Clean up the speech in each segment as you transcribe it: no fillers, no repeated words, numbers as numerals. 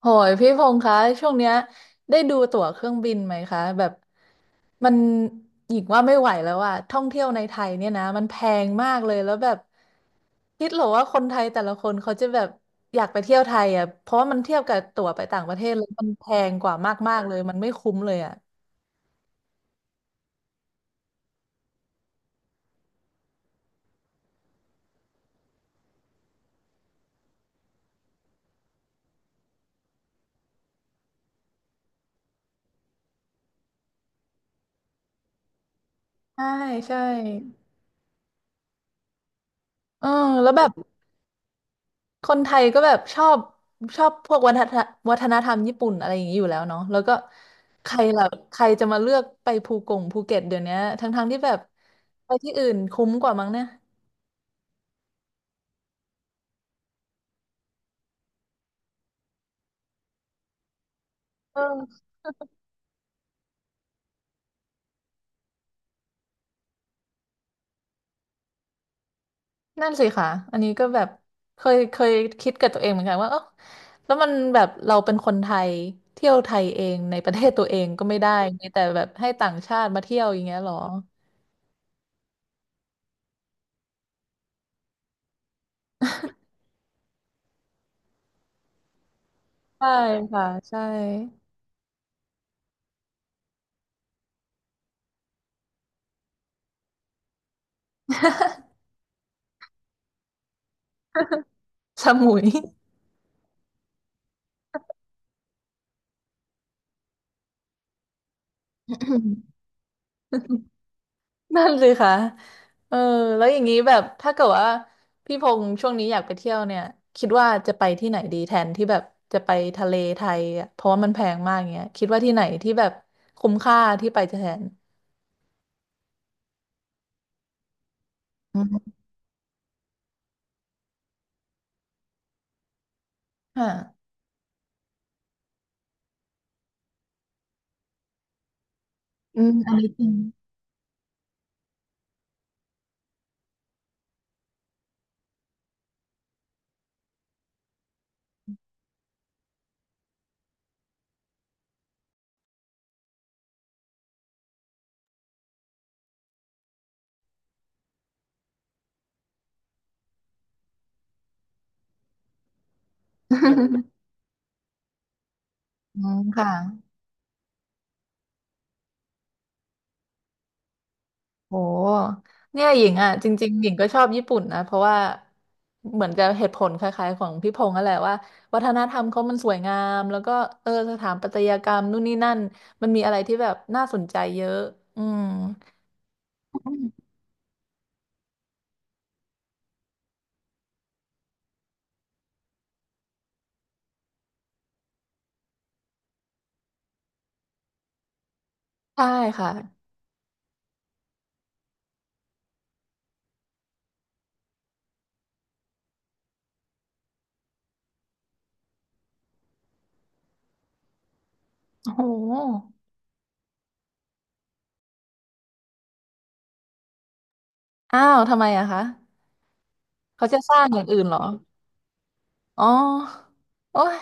โหยพี่พงษ์คะช่วงเนี้ยได้ดูตั๋วเครื่องบินไหมคะแบบมันหญิงว่าไม่ไหวแล้วอะท่องเที่ยวในไทยเนี่ยนะมันแพงมากเลยแล้วแบบคิดเหรอว่าคนไทยแต่ละคนเขาจะแบบอยากไปเที่ยวไทยอะเพราะว่ามันเทียบกับตั๋วไปต่างประเทศแล้วมันแพงกว่ามากๆเลยมันไม่คุ้มเลยอะใช่ใช่เออแล้วแบบ คนไทยก็แบบชอบชอบพวกวัฒนธรรมญี่ปุ่นอะไรอย่างนี้อยู่แล้วเนาะแล้วก็ใครล่ะใครจะมาเลือกไปภูกงภูเก็ตเดี๋ยวเนี้ยทั้งๆที่แบบไปที่อื่นคุ้มกว่ามั้งเนี่ยเออนั่นสิค่ะอันนี้ก็แบบเคยคิดกับตัวเองเหมือนกันว่าเออแล้วมันแบบเราเป็นคนไทยเที่ยวไทยเองในประเทศตัวเองก็ไม่ได้มีแต่แบบให้ต่างชาติมาเที่ยวอย่างเงี้ยเหรอใช่ค่ะใช่สมุย นั่นสิคะเออ แล้วอย่างนี้แบบถ้าเกิดว่าพี่พงษ์ช่วงนี้อยากไปเที่ยวเนี่ยคิดว่าจะไปที่ไหนดีแทนที่แบบจะไปทะเลไทยอะเพราะว่ามันแพงมากเงี้ยคิดว่าที่ไหนที่แบบคุ้มค่าที่ไปจะแทนอืมค่ะอืมอันนี้ อืมค่ะ โหเนี่ยหญิงอ่ะจริงๆหญิงก็ชอบญี่ปุ่นนะเพราะว่าเหมือนจะเหตุผลคล้ายๆของพี่พงษ์นั่นแหละว่าวัฒนธรรมเขามันสวยงามแล้วก็สถาปัตยกรรมนู่นนี่นั่นมันมีอะไรที่แบบน่าสนใจเยอะอืมใช่ค่ะโอ้โหอ้าวทำไมอะคะเขาจะสร้างอย่างอื่นเหรออ๋อโอ้ย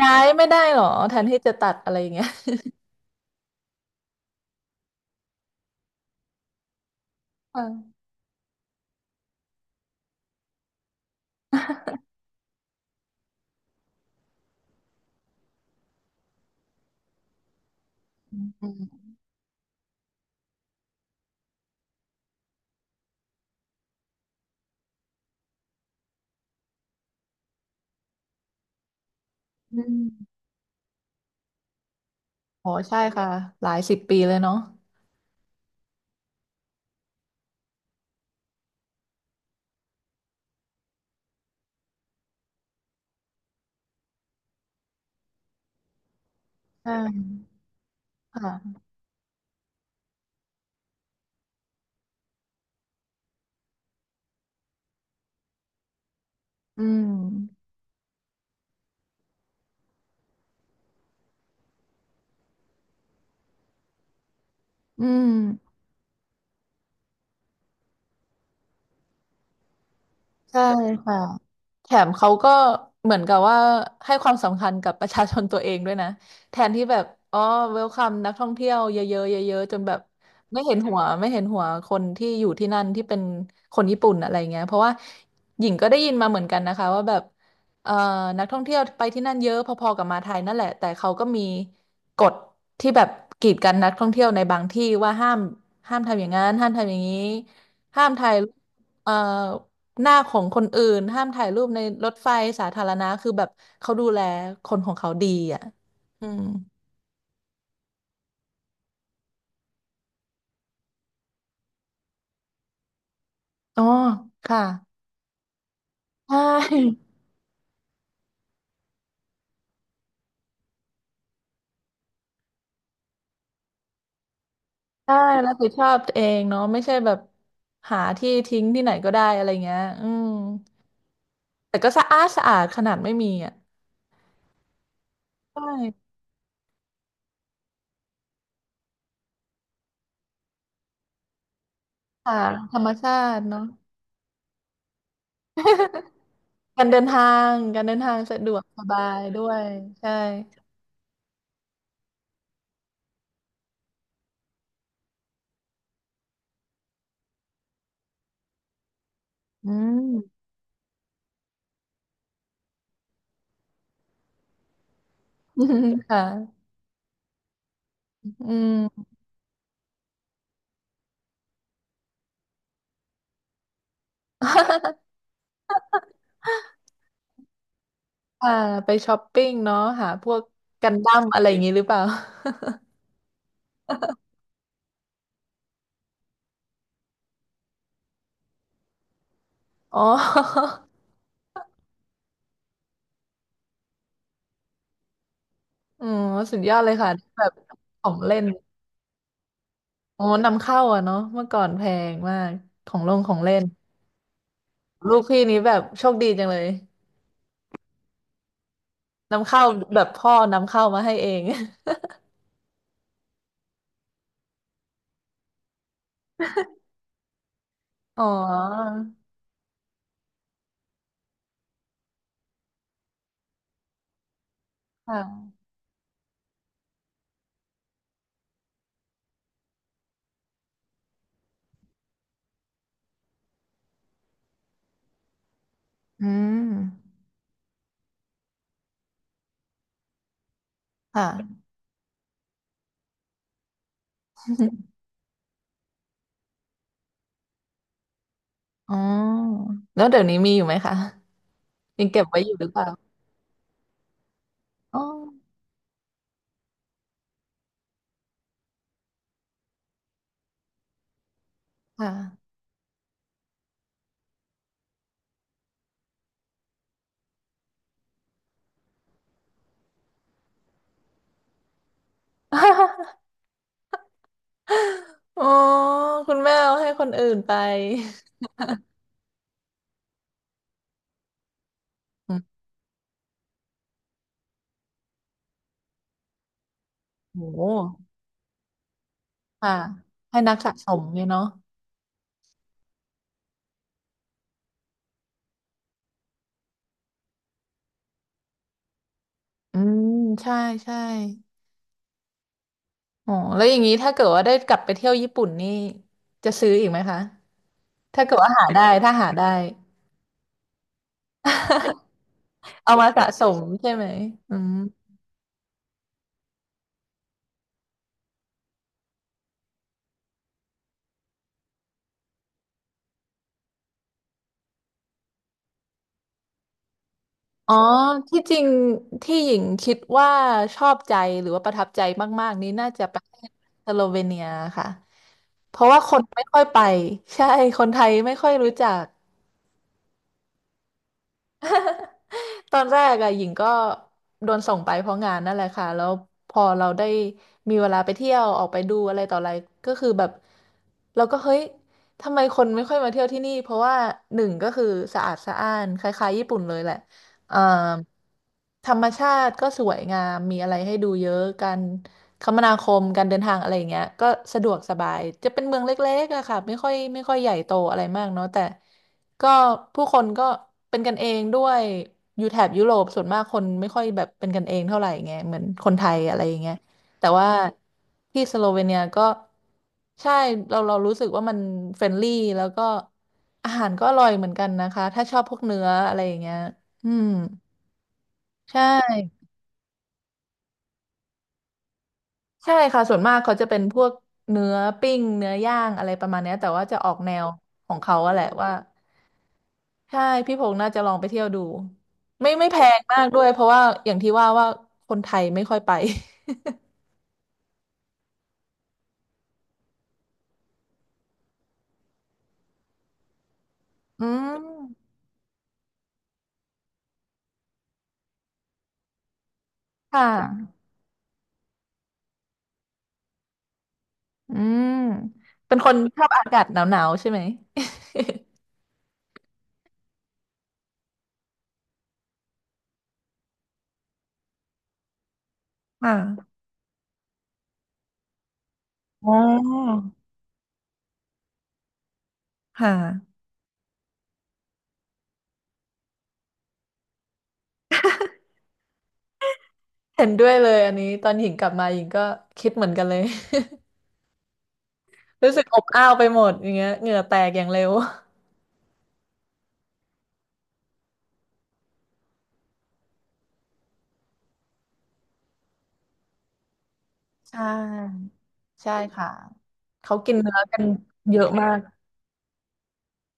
ย้ายไม่ได้เหรอแทนที่จะตัดอะไรอย่างเงี้ยค่ะอืมอืมอ๋อใช่ค่ะหลายสิบปีเลยเนาะใช่ค่ะ อืมอืมอม ใช่ค่ะแถมเขาก็เหมือนกับว่าให้ความสำคัญกับประชาชนตัวเองด้วยนะ แทนที่แบบอ๋อเวลคัมนักท่องเที่ยวเยอะๆเยอะๆจนแบบไม่เห็นหัวคนที่อยู่ที่นั่นที่เป็นคนญี่ปุ่นอะไรเงี้ยเพราะว่าหญิงก็ได้ยินมาเหมือนกันนะคะว่าแบบเอ่อนักท่องเที่ยวไปที่นั่นเยอะพอๆกับมาไทยนั่นแหละแต่เขาก็มีกฎที่แบบกีดกันนักท่องเที่ยวในบางที่ว่าห้ามทำอย่างนั้นห้ามทำอย่างนี้ห้ามถ่ายรูปเอ่อ หน้าของคนอื่นห้ามถ่ายรูปในรถไฟสาธารณะคือแบบเขาดูแลคนของเขาดีอ่ะอืมอ๋อ ค่ะ ใช่ใช่รับผิดชอบตัวเองเนาะไม่ใช่แบบหาที่ทิ้งที่ไหนก็ได้อะไรเงี้ยอืมแต่ก็สะอาดสะอาดขนาดไม่มีอ่ะ ใช่ค่ะธรรมชาติเนาะ การเดินทางการเดินทางสะดวกสบายด้วยใช่ อืม ค่ะ อืม อ่าไปช้อปปิ้งเนาะหาพวกกันดั้มอะไรอย่างงี้หรือเปล่า อ๋อ อ๋อสุดยอดเลยค่ะแบบของเล่นอ๋อนำเข้าอะเนาะเมื่อก่อนแพงมากของลงของเล่นลูกพี่นี้แบบโชคดีจังเลยนำเข้าแบบพ่อนำเข้ามาให้เอง อ๋อค่ะอืมค่ะ อ๋อแล้วเดี๋ยวนี้มีอยู่ไหมคะยังเก็บไว้อยู่หรือเปล่าอ๋อค่ะ อ๋อคุณแม่เอาให้คนอื่นไปอืมโหค่ะให้นักสะสมเลยเนาะอืมใช่ใช่อ๋อแล้วอย่างนี้ถ้าเกิดว่าได้กลับไปเที่ยวญี่ปุ่นนี่จะซื้ออีกไหมคะถ้าเกิดว่าหาได้ถ้าหาได้ เอามาสะสมใช่ไหมอืม อ๋อที่จริงที่หญิงคิดว่าชอบใจหรือว่าประทับใจมากๆนี้น่าจะประเทศสโลเวเนียค่ะเพราะว่าคนไม่ค่อยไปใช่คนไทยไม่ค่อยรู้จัก ตอนแรกอะหญิงก็โดนส่งไปเพราะงานนั่นแหละค่ะแล้วพอเราได้มีเวลาไปเที่ยวออกไปดูอะไรต่ออะไรก็คือแบบเราก็เฮ้ยทำไมคนไม่ค่อยมาเที่ยวที่นี่เพราะว่าหนึ่งก็คือสะอาดสะอ้านคล้ายๆญี่ปุ่นเลยแหละเอ่อธรรมชาติก็สวยงามมีอะไรให้ดูเยอะกัน คมนาคมการเดินทางอะไรอย่างเงี้ยก็สะดวกสบายจะเป็นเมืองเล็กๆอะค่ะไม่ค่อยไม่ค่อยใหญ่โตอะไรมากเนาะแต่ก็ผู้คนก็เป็นกันเองด้วยอยู่แถบยุโรปส่วนมากคนไม่ค่อยแบบเป็นกันเองเท่าไหร่ไงเหมือนคนไทยอะไรอย่างเงี้ยแต่ว่าที่สโลเวเนียก็ใช่เรารู้สึกว่ามันเฟรนลี่แล้วก็อาหารก็อร่อยเหมือนกันนะคะถ้าชอบพวกเนื้ออะไรอย่างเงี้ยอืมใช่ ใช่ค่ะส่วนมากเขาจะเป็นพวกเนื้อปิ้งเนื้อย่างอะไรประมาณเนี้ยแต่ว่าจะออกแนวของเขาอะแหละว่าใช่พี่พงษ์น่าจะลองไปเที่ยวดูไม่แพงมากด้วยเพราะว่าอย่างที่ว่าคนไทย ไม่ค่อยไป อืมค่ะอืมเป็นคนชอบอากาศหนาวๆใช่ไหม ค่ะอ๋อค่ะเห็นด้วยเลยอันนี้ตอนหญิงกลับมาหญิงก็คิดเหมือนกันเลย รู้สึกอบอ้าวไปหมดอย่างเงี้ยเหงื่อแตกอย่างเร็วใช่ ใช่ค่ะ เขากินเนื้อกันเยอะมาก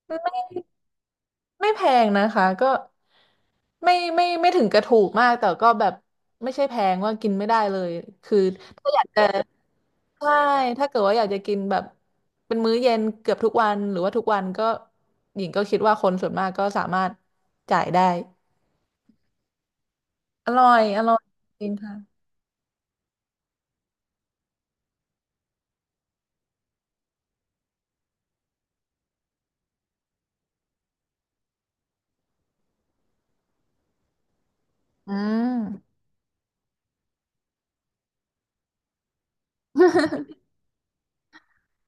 ไม่ไม่แพงนะคะก็ไม่ถึงกระถูกมากแต่ก็แบบไม่ใช่แพงว่ากินไม่ได้เลยคือถ้าอยากจะใช่ถ้าเกิดว่าอยากจะกินแบบเป็นมื้อเย็นเกือบทุกวันหรือว่าทุกวันก็หญิงก็คิดว่าคนส่วนมากก็สามารถจ่ายได้อร่อยอร่อยจริงค่ะอืม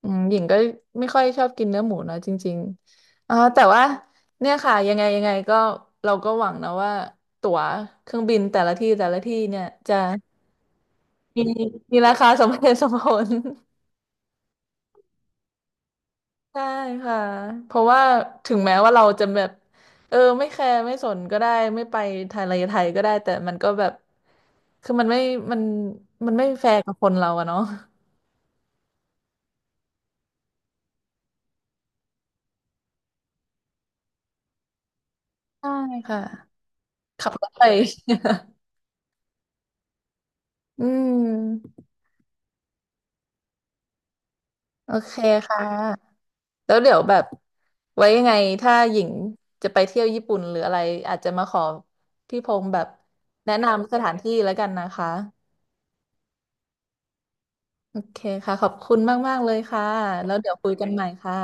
อืมหญิงก็ไม่ค่อยชอบกินเนื้อหมูนะจริงๆแต่ว่าเนี่ยค่ะยังไงยังไงก็เราก็หวังนะว่าตั๋วเครื่องบินแต่ละที่แต่ละที่เนี่ยจะมีมีราคาสมเหตุสมผล ใช่ค่ะเพราะว่าถึงแม้ว่าเราจะแบบเออไม่แคร์ไม่สนก็ได้ไม่ไปไทยอะไรไทยก็ได้แต่มันก็แบบคือมันไม่มันมันไม่แฟร์กับคนเราอะเนาะใช่ค่ะขับรถไป อืม โอเคค่ะแล้วเดี๋ยวแบบไว้ยังไงถ้าหญิงจะไปเที่ยวญี่ปุ่นหรืออะไรอาจจะมาขอพี่พงษ์แบบแนะนำสถานที่แล้วกันนะคะโอเคค่ะขอบคุณมากๆเลยค่ะแล้วเดี๋ยวคุยกันใหม่ค่ะ